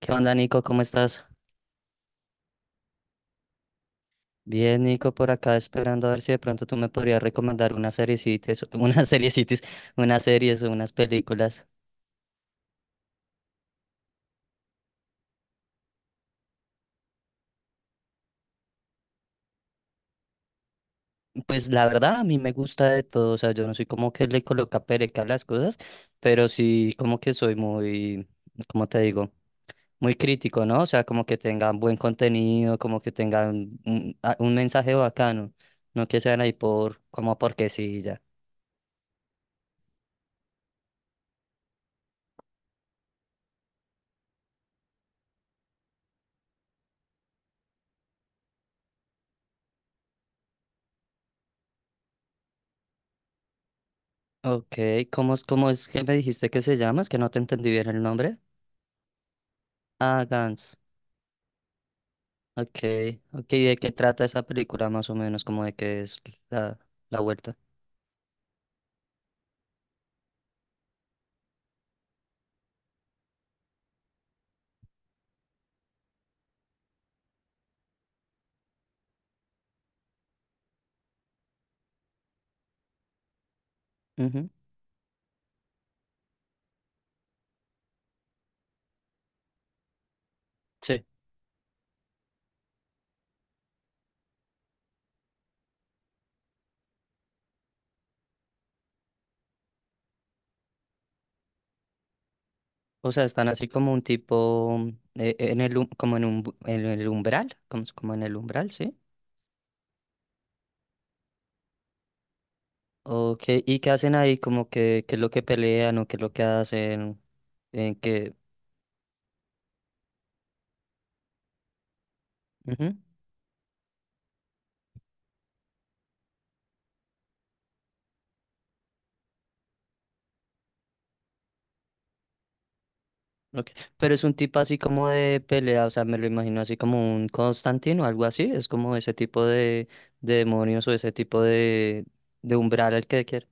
¿Qué onda, Nico? ¿Cómo estás? Bien, Nico, por acá esperando a ver si de pronto tú me podrías recomendar unas seriecitas, unas series o unas películas. Pues la verdad, a mí me gusta de todo, o sea, yo no soy como que le coloca pereca a las cosas, pero sí como que soy muy, ¿cómo te digo? Muy crítico, ¿no? O sea, como que tengan buen contenido, como que tengan un mensaje bacano, no que sean ahí por, como porque sí, y ya. Ok, ¿cómo es que me dijiste que se llama? Es que no te entendí bien el nombre. Ah, Gantz. Ok, ok. ¿De qué trata esa película más o menos? Como de qué es la, la vuelta. Ujú, sí. O sea, están así como un tipo en el umbral, como en el umbral, ¿sí? Ok, ¿y qué hacen ahí? Como que, qué es lo que pelean o qué es lo que hacen, en qué. Ujú, ok. Pero es un tipo así como de pelea, o sea, me lo imagino así como un Constantino o algo así, es como ese tipo de demonios o ese tipo de umbral al que quieras.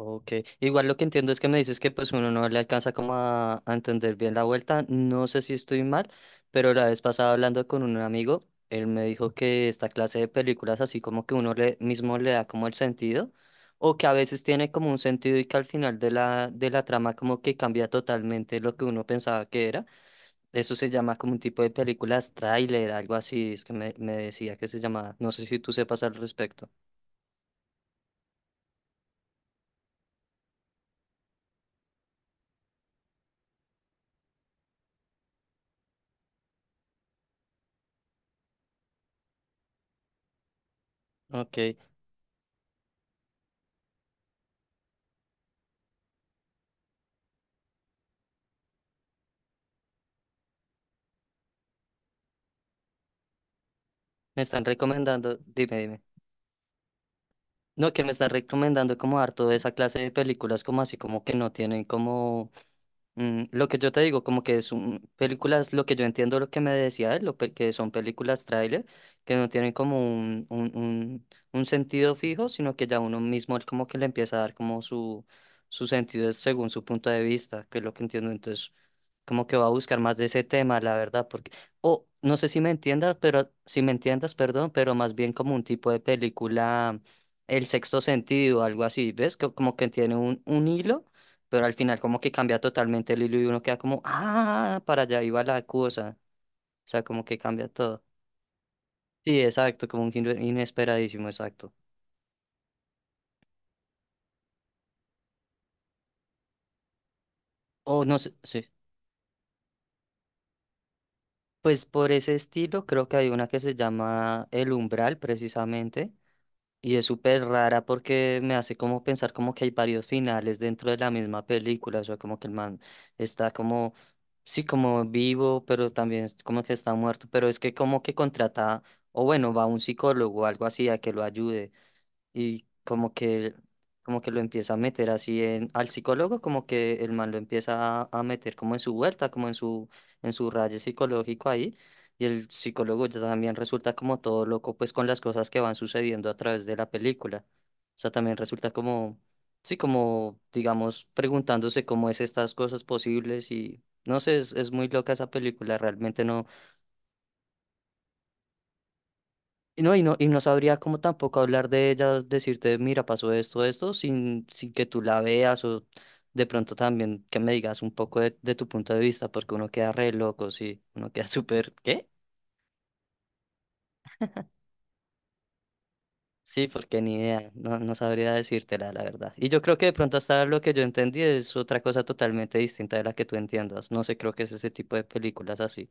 Ok, igual lo que entiendo es que me dices que pues uno no le alcanza como a entender bien la vuelta, no sé si estoy mal, pero la vez pasada hablando con un amigo, él me dijo que esta clase de películas así como que uno le, mismo le da como el sentido, o que a veces tiene como un sentido y que al final de la trama como que cambia totalmente lo que uno pensaba que era, eso se llama como un tipo de películas tráiler, algo así, es que me decía que se llamaba, no sé si tú sepas al respecto. Ok, me están recomendando, dime, dime. No, que me estás recomendando como dar toda esa clase de películas como así como que no tienen como lo que yo te digo, como que son películas, lo que yo entiendo lo que me decía él, que son películas tráiler, que no tienen como un sentido fijo, sino que ya uno mismo como que le empieza a dar como su sentido es según su punto de vista, que es lo que entiendo entonces como que va a buscar más de ese tema, la verdad, porque, o no sé si me entiendas, pero si me entiendas, perdón, pero más bien como un tipo de película, El Sexto Sentido, algo así, ¿ves? Como que tiene un hilo, pero al final como que cambia totalmente el hilo y uno queda como, ah, para allá iba la cosa, o sea, como que cambia todo. Sí, exacto, como un giro inesperadísimo, exacto. O no sé, sí. Pues por ese estilo creo que hay una que se llama El Umbral, precisamente. Y es súper rara porque me hace como pensar como que hay varios finales dentro de la misma película, o sea, como que el man está como, sí, como vivo, pero también como que está muerto, pero es que como que contrata, o bueno, va a un psicólogo o algo así a que lo ayude y como que lo empieza a meter así en, al psicólogo, como que el man lo empieza a meter como en su huerta, como en su rayo psicológico ahí, y el psicólogo ya también resulta como todo loco, pues con las cosas que van sucediendo a través de la película. O sea, también resulta como, sí, como, digamos, preguntándose cómo es estas cosas posibles y, no sé, es, muy loca esa película, realmente no. Y no sabría cómo tampoco hablar de ella, decirte, mira, pasó esto, esto, sin que tú la veas o de pronto también que me digas un poco de tu punto de vista, porque uno queda re loco, sí, uno queda súper, ¿qué? Sí, porque ni idea, no, no sabría decírtela, la verdad. Y yo creo que de pronto hasta lo que yo entendí es otra cosa totalmente distinta de la que tú entiendas. No sé, creo que es ese tipo de películas así.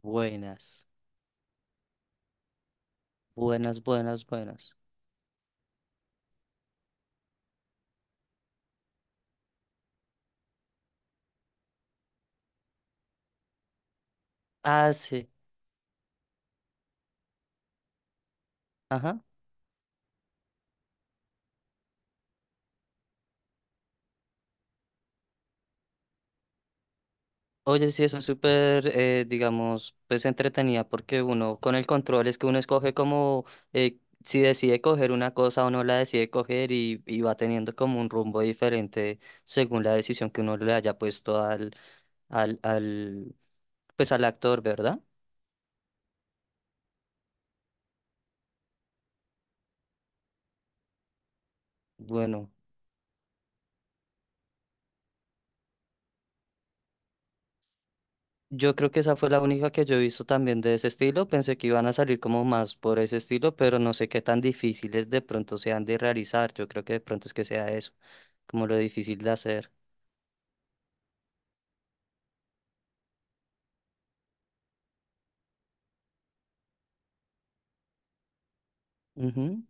Buenas, buenas, buenas, buenas. Ah, sí, ajá. Oye, sí, eso es súper, digamos, pues entretenida porque uno con el control es que uno escoge como eh, si decide coger una cosa o no la decide coger y, va teniendo como un rumbo diferente según la decisión que uno le haya puesto al, al, pues al actor, ¿verdad? Bueno, yo creo que esa fue la única que yo he visto también de ese estilo. Pensé que iban a salir como más por ese estilo, pero no sé qué tan difíciles de pronto sean de realizar. Yo creo que de pronto es que sea eso, como lo difícil de hacer. Ujú.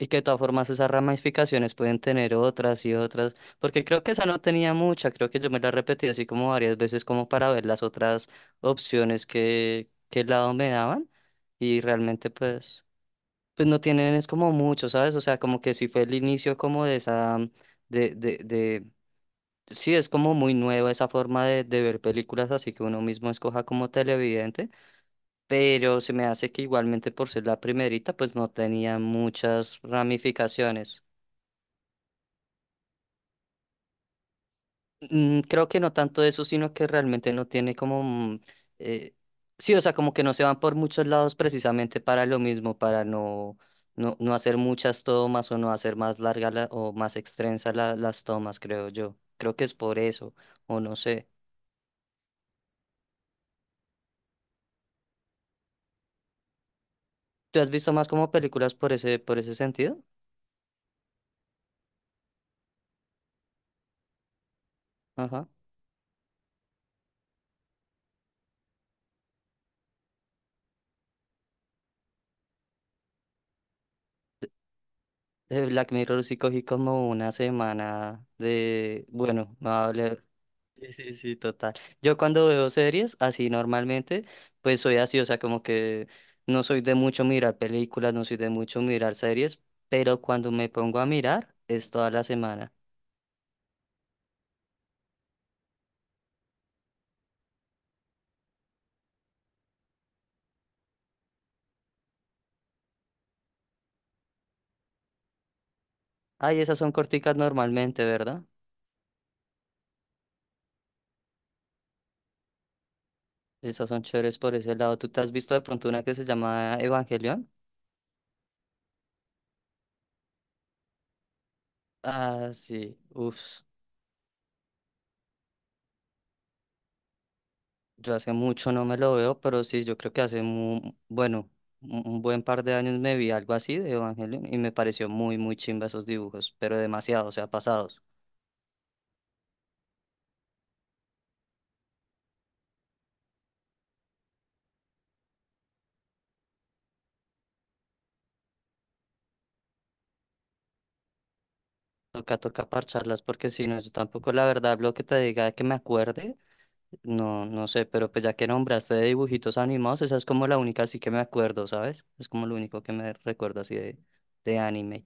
Y que de todas formas esas ramificaciones pueden tener otras y otras, porque creo que esa no tenía mucha, creo que yo me la repetí así como varias veces como para ver las otras opciones que el lado me daban y realmente pues no tienen es como mucho, ¿sabes? O sea, como que sí fue el inicio como de esa, de, de, de, sí es como muy nueva esa forma de ver películas así que uno mismo escoja como televidente, pero se me hace que igualmente por ser la primerita pues no tenía muchas ramificaciones. Creo que no tanto eso, sino que realmente no tiene comoeh, sí, o sea, como que no se van por muchos lados precisamente para lo mismo, para no hacer muchas tomas o no hacer más largas o más extensas las tomas, creo yo. Creo que es por eso, o no sé. ¿Tú has visto más como películas por ese sentido? Ajá. De Black Mirror sí cogí como una semana de. Bueno, no voy. Sí, sí, sí, total. Yo cuando veo series, así normalmente, pues soy así, o sea, como que no soy de mucho mirar películas, no soy de mucho mirar series, pero cuando me pongo a mirar es toda la semana. Ay, esas son corticas normalmente, ¿verdad? Esas son chéveres por ese lado. ¿Tú te has visto de pronto una que se llama Evangelion? Ah, sí, uff. Yo hace mucho no me lo veo, pero sí, yo creo que hace muy, bueno, un buen par de años me vi algo así de Evangelion y me pareció muy, muy chimba esos dibujos, pero demasiado, o sea, pasados. Toca, toca parcharlas porque si no, yo tampoco la verdad lo que te diga que me acuerde, no, no sé, pero pues ya que nombraste de dibujitos animados, esa es como la única así que me acuerdo, ¿sabes? Es como lo único que me recuerdo así de anime.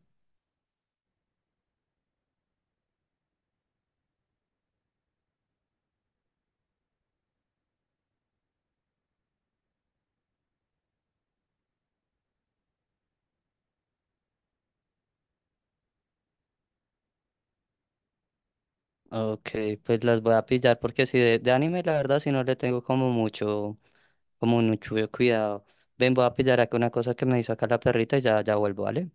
Ok, pues las voy a pillar porque si de anime la verdad si no le tengo como mucho cuidado. Ven, voy a pillar acá una cosa que me hizo acá la perrita y ya, ya vuelvo, ¿vale?